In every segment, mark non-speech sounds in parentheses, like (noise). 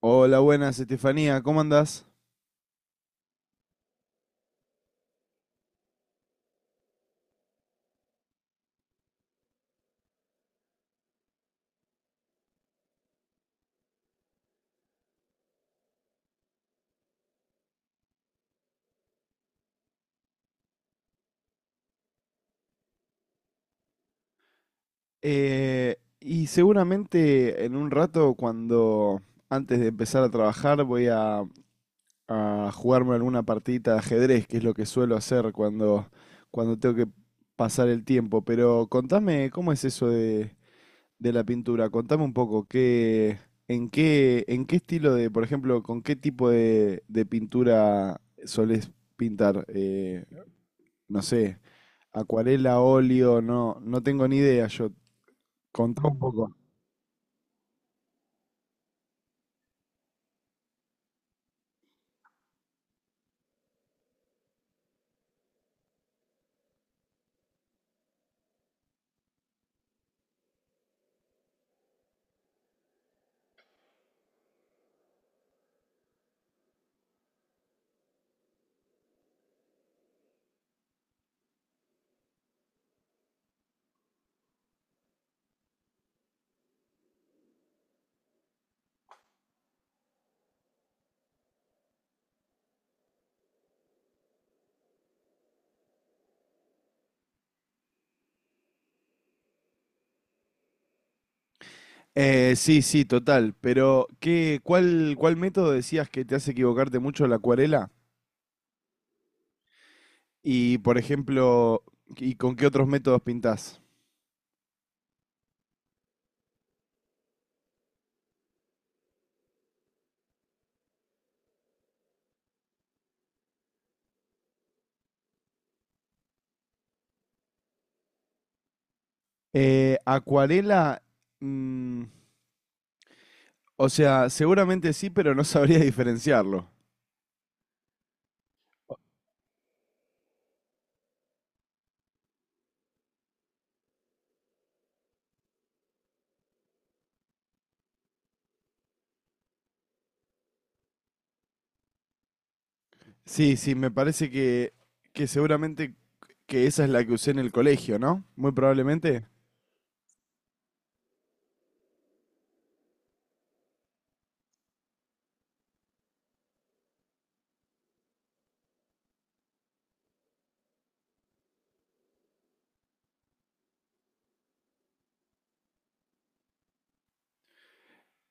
Hola, buenas, Estefanía, ¿cómo andás? Seguramente en un rato, cuando antes de empezar a trabajar, a jugarme alguna partidita de ajedrez, que es lo que suelo hacer cuando tengo que pasar el tiempo. Pero contame, ¿cómo es de la pintura? Contame un poco, ¿en qué estilo de, por ejemplo, con qué de pintura solés pintar? No sé, acuarela, óleo, no tengo ni idea yo. Contá un poco. Sí, sí, total. Pero, ¿cuál método decías que te hace equivocarte mucho, la acuarela? Y, por ejemplo, ¿y con qué otros métodos pintás? Acuarela, mm, o sea, seguramente sí, pero no (laughs) sabría diferenciarlo. Sí, sí, que seguramente que esa es la que usé en el colegio, ¿no? Muy probablemente.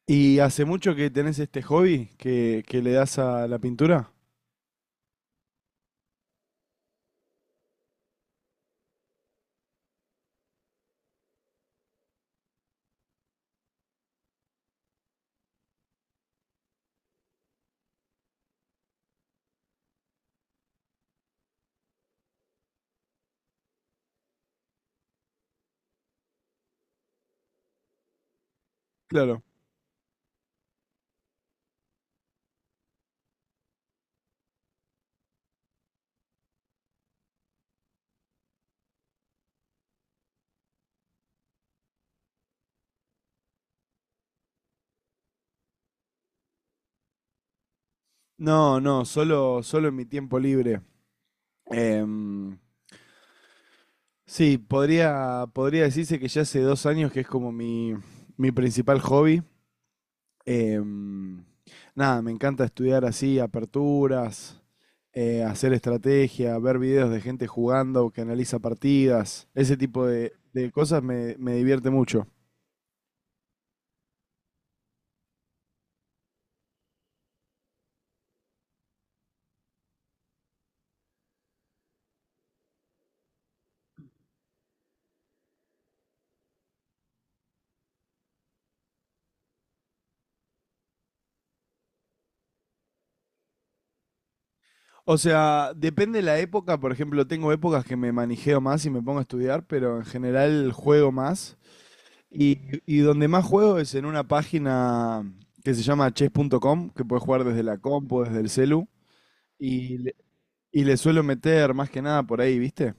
¿Y hace mucho que tenés este hobby que le das a la pintura? Claro. No, no, solo en mi tiempo libre. Em, sí, podría decirse que ya hace 2 años que es como mi principal hobby. Em, Nada, me encanta estudiar así, aperturas, hacer estrategia, ver videos de gente jugando que analiza partidas. Ese de cosas me divierte mucho. O sea, depende la época. Por ejemplo, tengo épocas que me manijeo más y me pongo a estudiar, pero en general juego más. Y, y donde más juego es en una página que se llama chess.com, que puedes jugar desde la compu, desde el celu. Y le, y le suelo meter más que nada por ahí, ¿viste?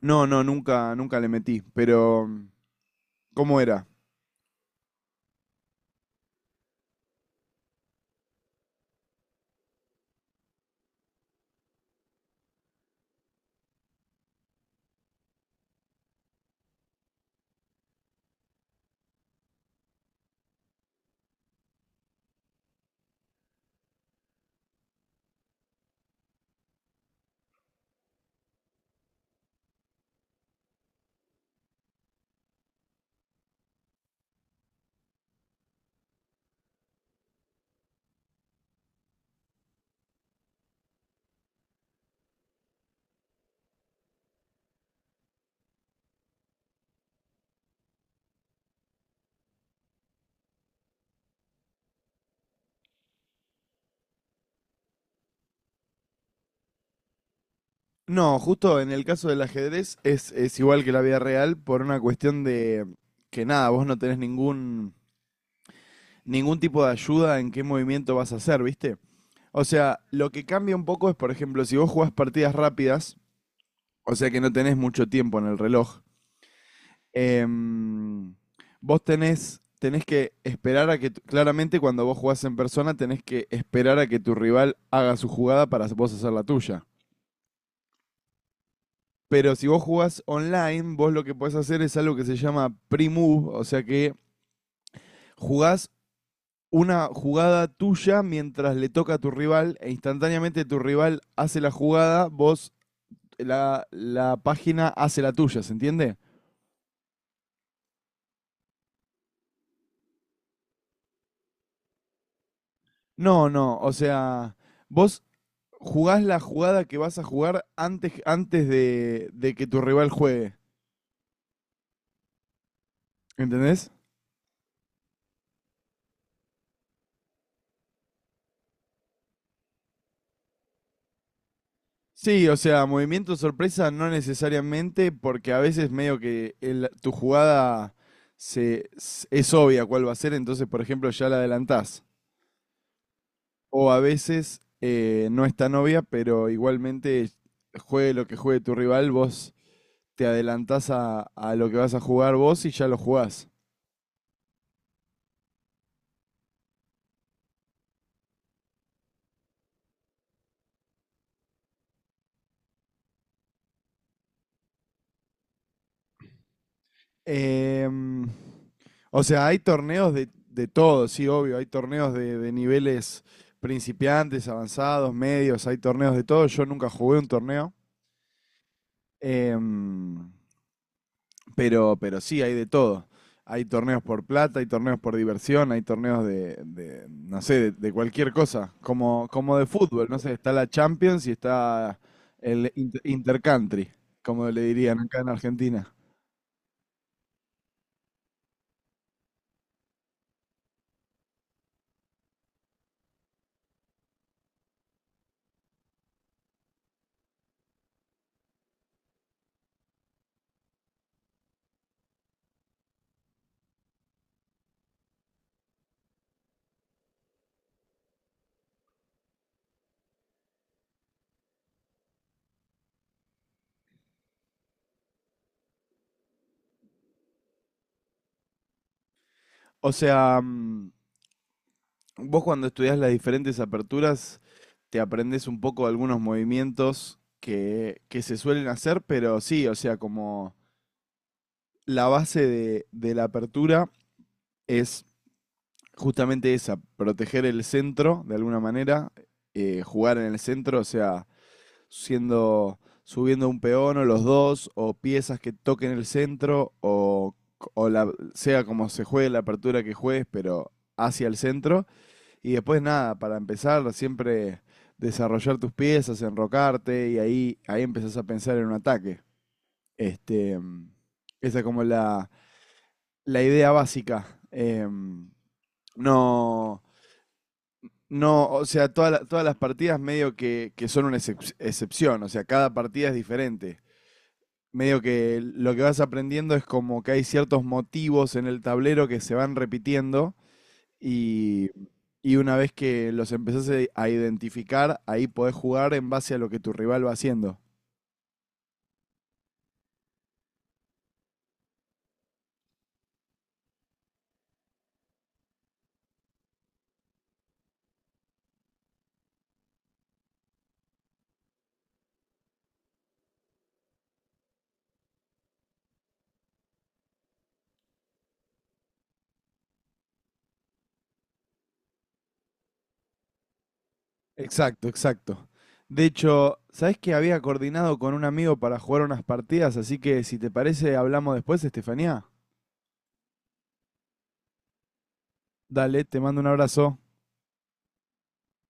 No, no, nunca le metí. Pero, ¿cómo era? No, justo en el caso del ajedrez es igual que la vida real por una cuestión de que nada, vos no tenés ningún tipo de ayuda en qué movimiento vas a hacer, ¿viste? O sea, lo que cambia un poco es, por ejemplo, si vos jugás partidas rápidas, o sea que no tenés mucho tiempo en el reloj, em, tenés que esperar a claramente cuando vos jugás en persona, tenés que esperar a que tu rival haga su jugada para vos hacer la tuya. Pero si vos jugás online, vos lo que podés hacer es algo que se llama pre-move, o sea que jugás una jugada tuya mientras le toca a tu rival e instantáneamente tu rival hace la jugada, vos la página hace la tuya, ¿se entiende? No, no, o sea, vos jugás la jugada que vas a jugar antes, de que tu rival juegue, ¿entendés? Sí, o sea, movimiento sorpresa no necesariamente, porque a veces medio que tu jugada es obvia cuál va a ser, entonces por ejemplo ya la adelantás. O a veces no está novia pero igualmente juegue lo que juegue tu rival, vos te adelantás a lo que vas a jugar vos y ya lo jugás. Em, o sea, hay torneos de todo, sí, obvio, hay torneos de niveles principiantes, avanzados, medios, hay torneos de todo. Yo nunca jugué un torneo. Em, pero sí, hay de todo. Hay torneos por plata, hay torneos por diversión, hay torneos no sé, de cualquier cosa, como de fútbol, no sé, está la Champions y está el Intercountry, como le dirían acá en Argentina. O sea, vos cuando estudiás las diferentes aperturas, te aprendes un poco algunos movimientos que se suelen hacer, pero sí, o sea, como la base de la apertura es justamente esa, proteger el centro de alguna manera, jugar en el centro, o sea, siendo, subiendo un peón o los dos, o piezas que toquen el centro, o la, sea como se juegue la apertura que juegues, pero hacia el centro. Y después nada, para empezar, siempre desarrollar tus piezas, enrocarte, y ahí empezás a pensar en un ataque. Este, Esa es como la idea básica. Em, no, No, o sea, todas las partidas medio que son una excepción, o sea, cada partida es diferente. Medio que lo que vas aprendiendo es como que hay ciertos motivos en el tablero que se van repitiendo y, y una vez que los empezás a identificar, ahí podés jugar en base a lo que tu rival va haciendo. Exacto, exacto. De hecho, ¿sabés que había coordinado con un amigo para jugar unas partidas? Así que si te parece, hablamos después, Estefanía. Dale, te mando un abrazo.